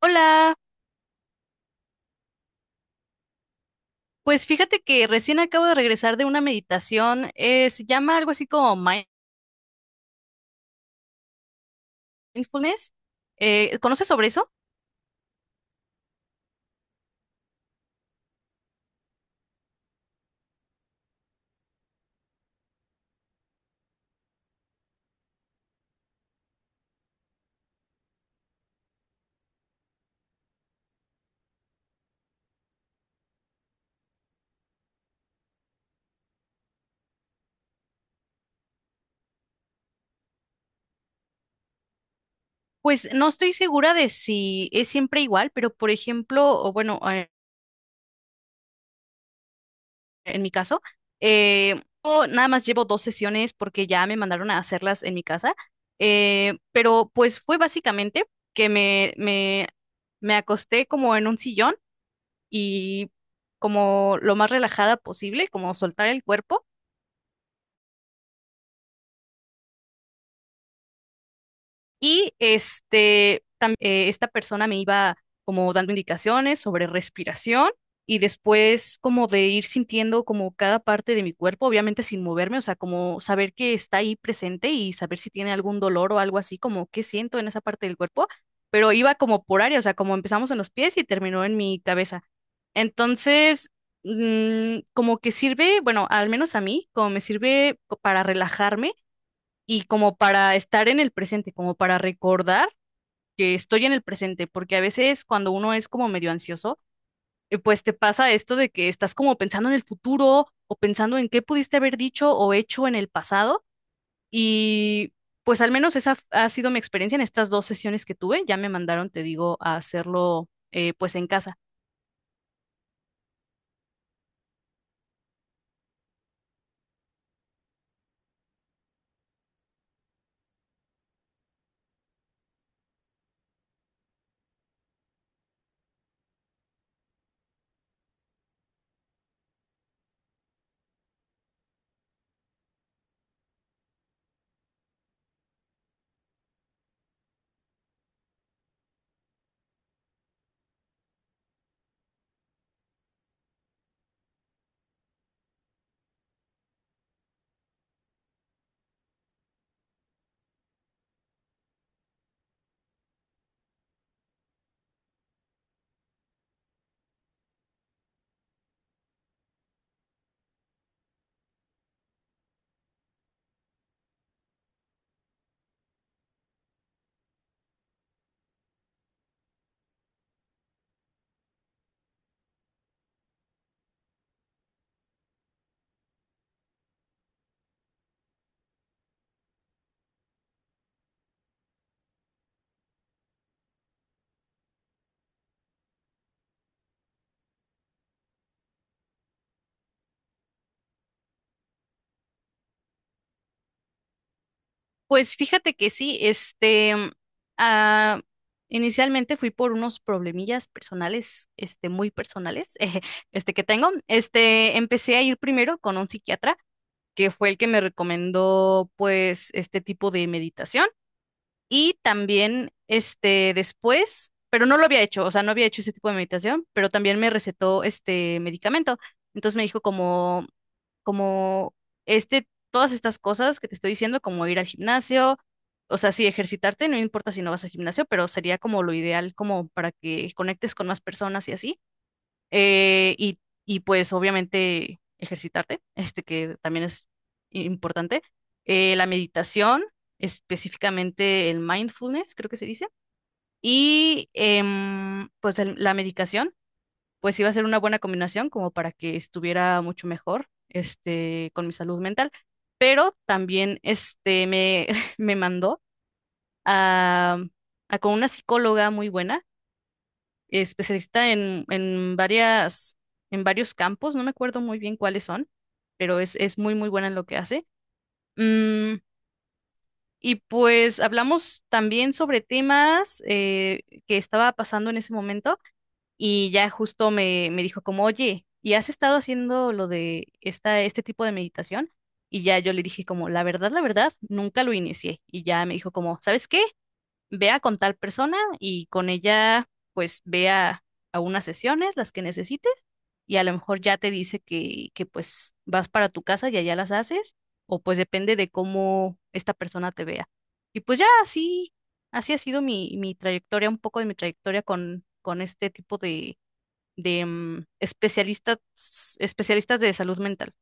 Hola, pues fíjate que recién acabo de regresar de una meditación, se llama algo así como mindfulness. ¿Conoces sobre eso? Pues no estoy segura de si es siempre igual, pero por ejemplo, o bueno, en mi caso, yo nada más llevo dos sesiones porque ya me mandaron a hacerlas en mi casa, pero pues fue básicamente que me acosté como en un sillón y como lo más relajada posible, como soltar el cuerpo. Y esta persona me iba como dando indicaciones sobre respiración y después como de ir sintiendo como cada parte de mi cuerpo, obviamente sin moverme, o sea, como saber que está ahí presente y saber si tiene algún dolor o algo así, como qué siento en esa parte del cuerpo, pero iba como por área, o sea, como empezamos en los pies y terminó en mi cabeza. Entonces, como que sirve, bueno, al menos a mí, como me sirve para relajarme y como para estar en el presente, como para recordar que estoy en el presente, porque a veces cuando uno es como medio ansioso, pues te pasa esto de que estás como pensando en el futuro o pensando en qué pudiste haber dicho o hecho en el pasado y pues al menos esa ha sido mi experiencia en estas dos sesiones que tuve, ya me mandaron, te digo, a hacerlo pues en casa. Pues fíjate que sí, este, ah, inicialmente fui por unos problemillas personales, este, muy personales, este que tengo. Este, empecé a ir primero con un psiquiatra, que fue el que me recomendó, pues, este tipo de meditación. Y también, este, después, pero no lo había hecho, o sea, no había hecho ese tipo de meditación, pero también me recetó este medicamento. Entonces me dijo como, este, todas estas cosas que te estoy diciendo, como ir al gimnasio, o sea, sí, ejercitarte, no importa si no vas al gimnasio, pero sería como lo ideal, como para que conectes con más personas y así eh, y, y pues obviamente ejercitarte, este que también es importante. La meditación, específicamente el mindfulness, creo que se dice. Y pues la medicación, pues iba a ser una buena combinación como para que estuviera mucho mejor este, con mi salud mental. Pero también este, me mandó a, a con una psicóloga muy buena especialista en varias, en varios campos, no me acuerdo muy bien cuáles son, pero es muy buena en lo que hace. Mm, y pues hablamos también sobre temas que estaba pasando en ese momento y ya justo me dijo como, oye, ¿y has estado haciendo lo de este tipo de meditación? Y ya yo le dije como, la verdad, nunca lo inicié. Y ya me dijo como, ¿sabes qué? Vea con tal persona y con ella pues vea a unas sesiones, las que necesites, y a lo mejor ya te dice que pues vas para tu casa y allá las haces, o pues depende de cómo esta persona te vea. Y pues ya así ha sido mi trayectoria, un poco de mi trayectoria con este tipo de especialistas, especialistas de salud mental.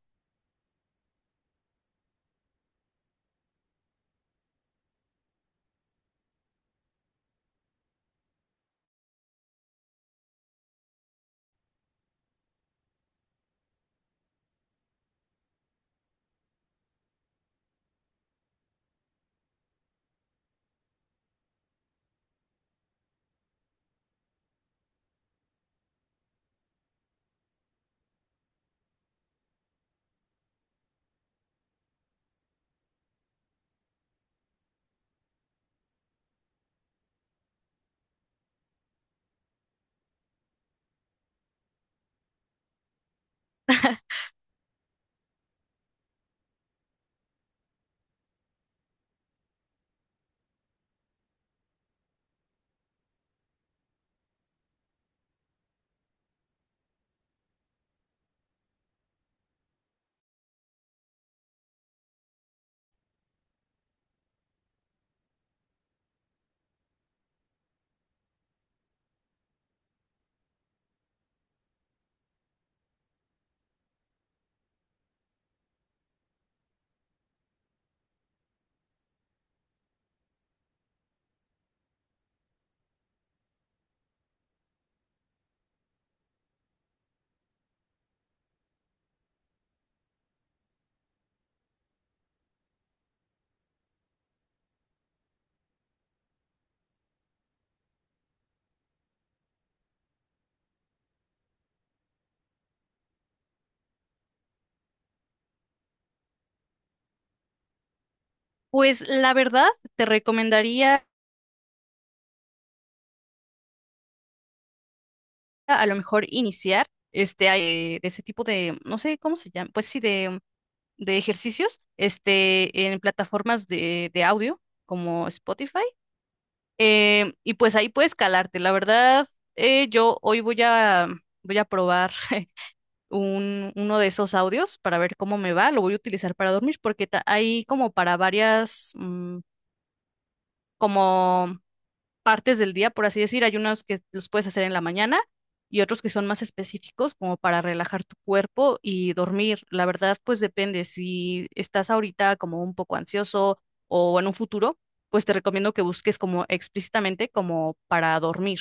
Pues la verdad, te recomendaría a lo mejor iniciar de ese tipo de, no sé cómo se llama, pues sí, de ejercicios, este, en plataformas de audio como Spotify. Y pues ahí puedes calarte. La verdad, yo hoy voy a probar uno de esos audios para ver cómo me va. Lo voy a utilizar para dormir porque hay como para varias, como partes del día, por así decir. Hay unos que los puedes hacer en la mañana y otros que son más específicos como para relajar tu cuerpo y dormir. La verdad, pues depende. Si estás ahorita como un poco ansioso o en un futuro, pues te recomiendo que busques como explícitamente como para dormir.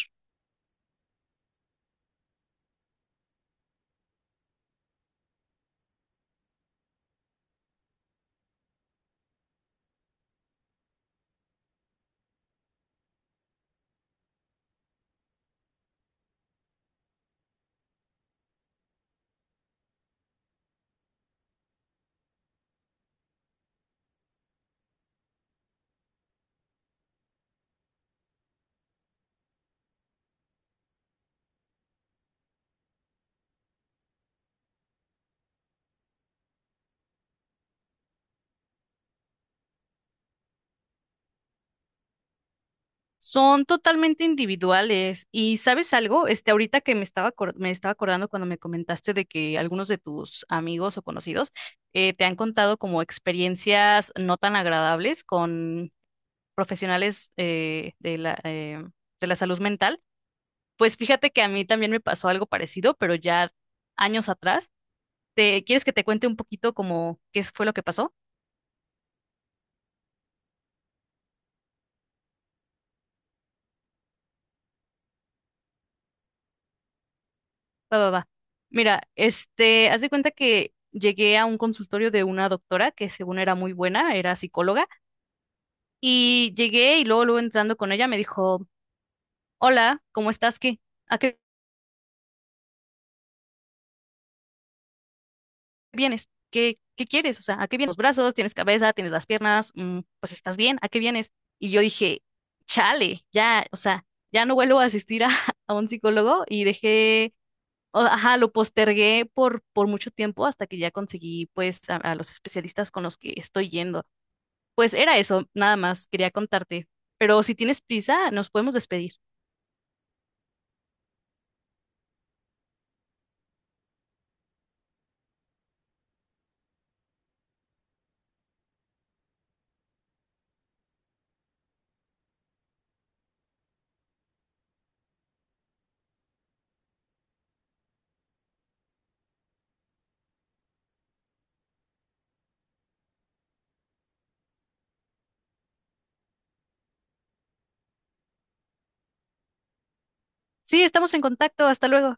Son totalmente individuales. Y sabes algo, este, ahorita que me estaba, me estaba acordando cuando me comentaste de que algunos de tus amigos o conocidos te han contado como experiencias no tan agradables con profesionales de la salud mental. Pues fíjate que a mí también me pasó algo parecido, pero ya años atrás. ¿Quieres que te cuente un poquito como qué fue lo que pasó? Va, va, va. Mira, este, haz de cuenta que llegué a un consultorio de una doctora que según era muy buena, era psicóloga, y llegué y luego entrando con ella me dijo, hola, ¿cómo estás? ¿Qué? ¿A qué vienes? ¿Qué, qué quieres? O sea, ¿a qué vienes? Los brazos, tienes cabeza, tienes las piernas, pues estás bien, ¿a qué vienes? Y yo dije, chale, ya, o sea, ya no vuelvo a asistir a, a un psicólogo y dejé, ajá, lo postergué por mucho tiempo hasta que ya conseguí, pues, a los especialistas con los que estoy yendo. Pues era eso, nada más, quería contarte. Pero si tienes prisa, nos podemos despedir. Sí, estamos en contacto, hasta luego.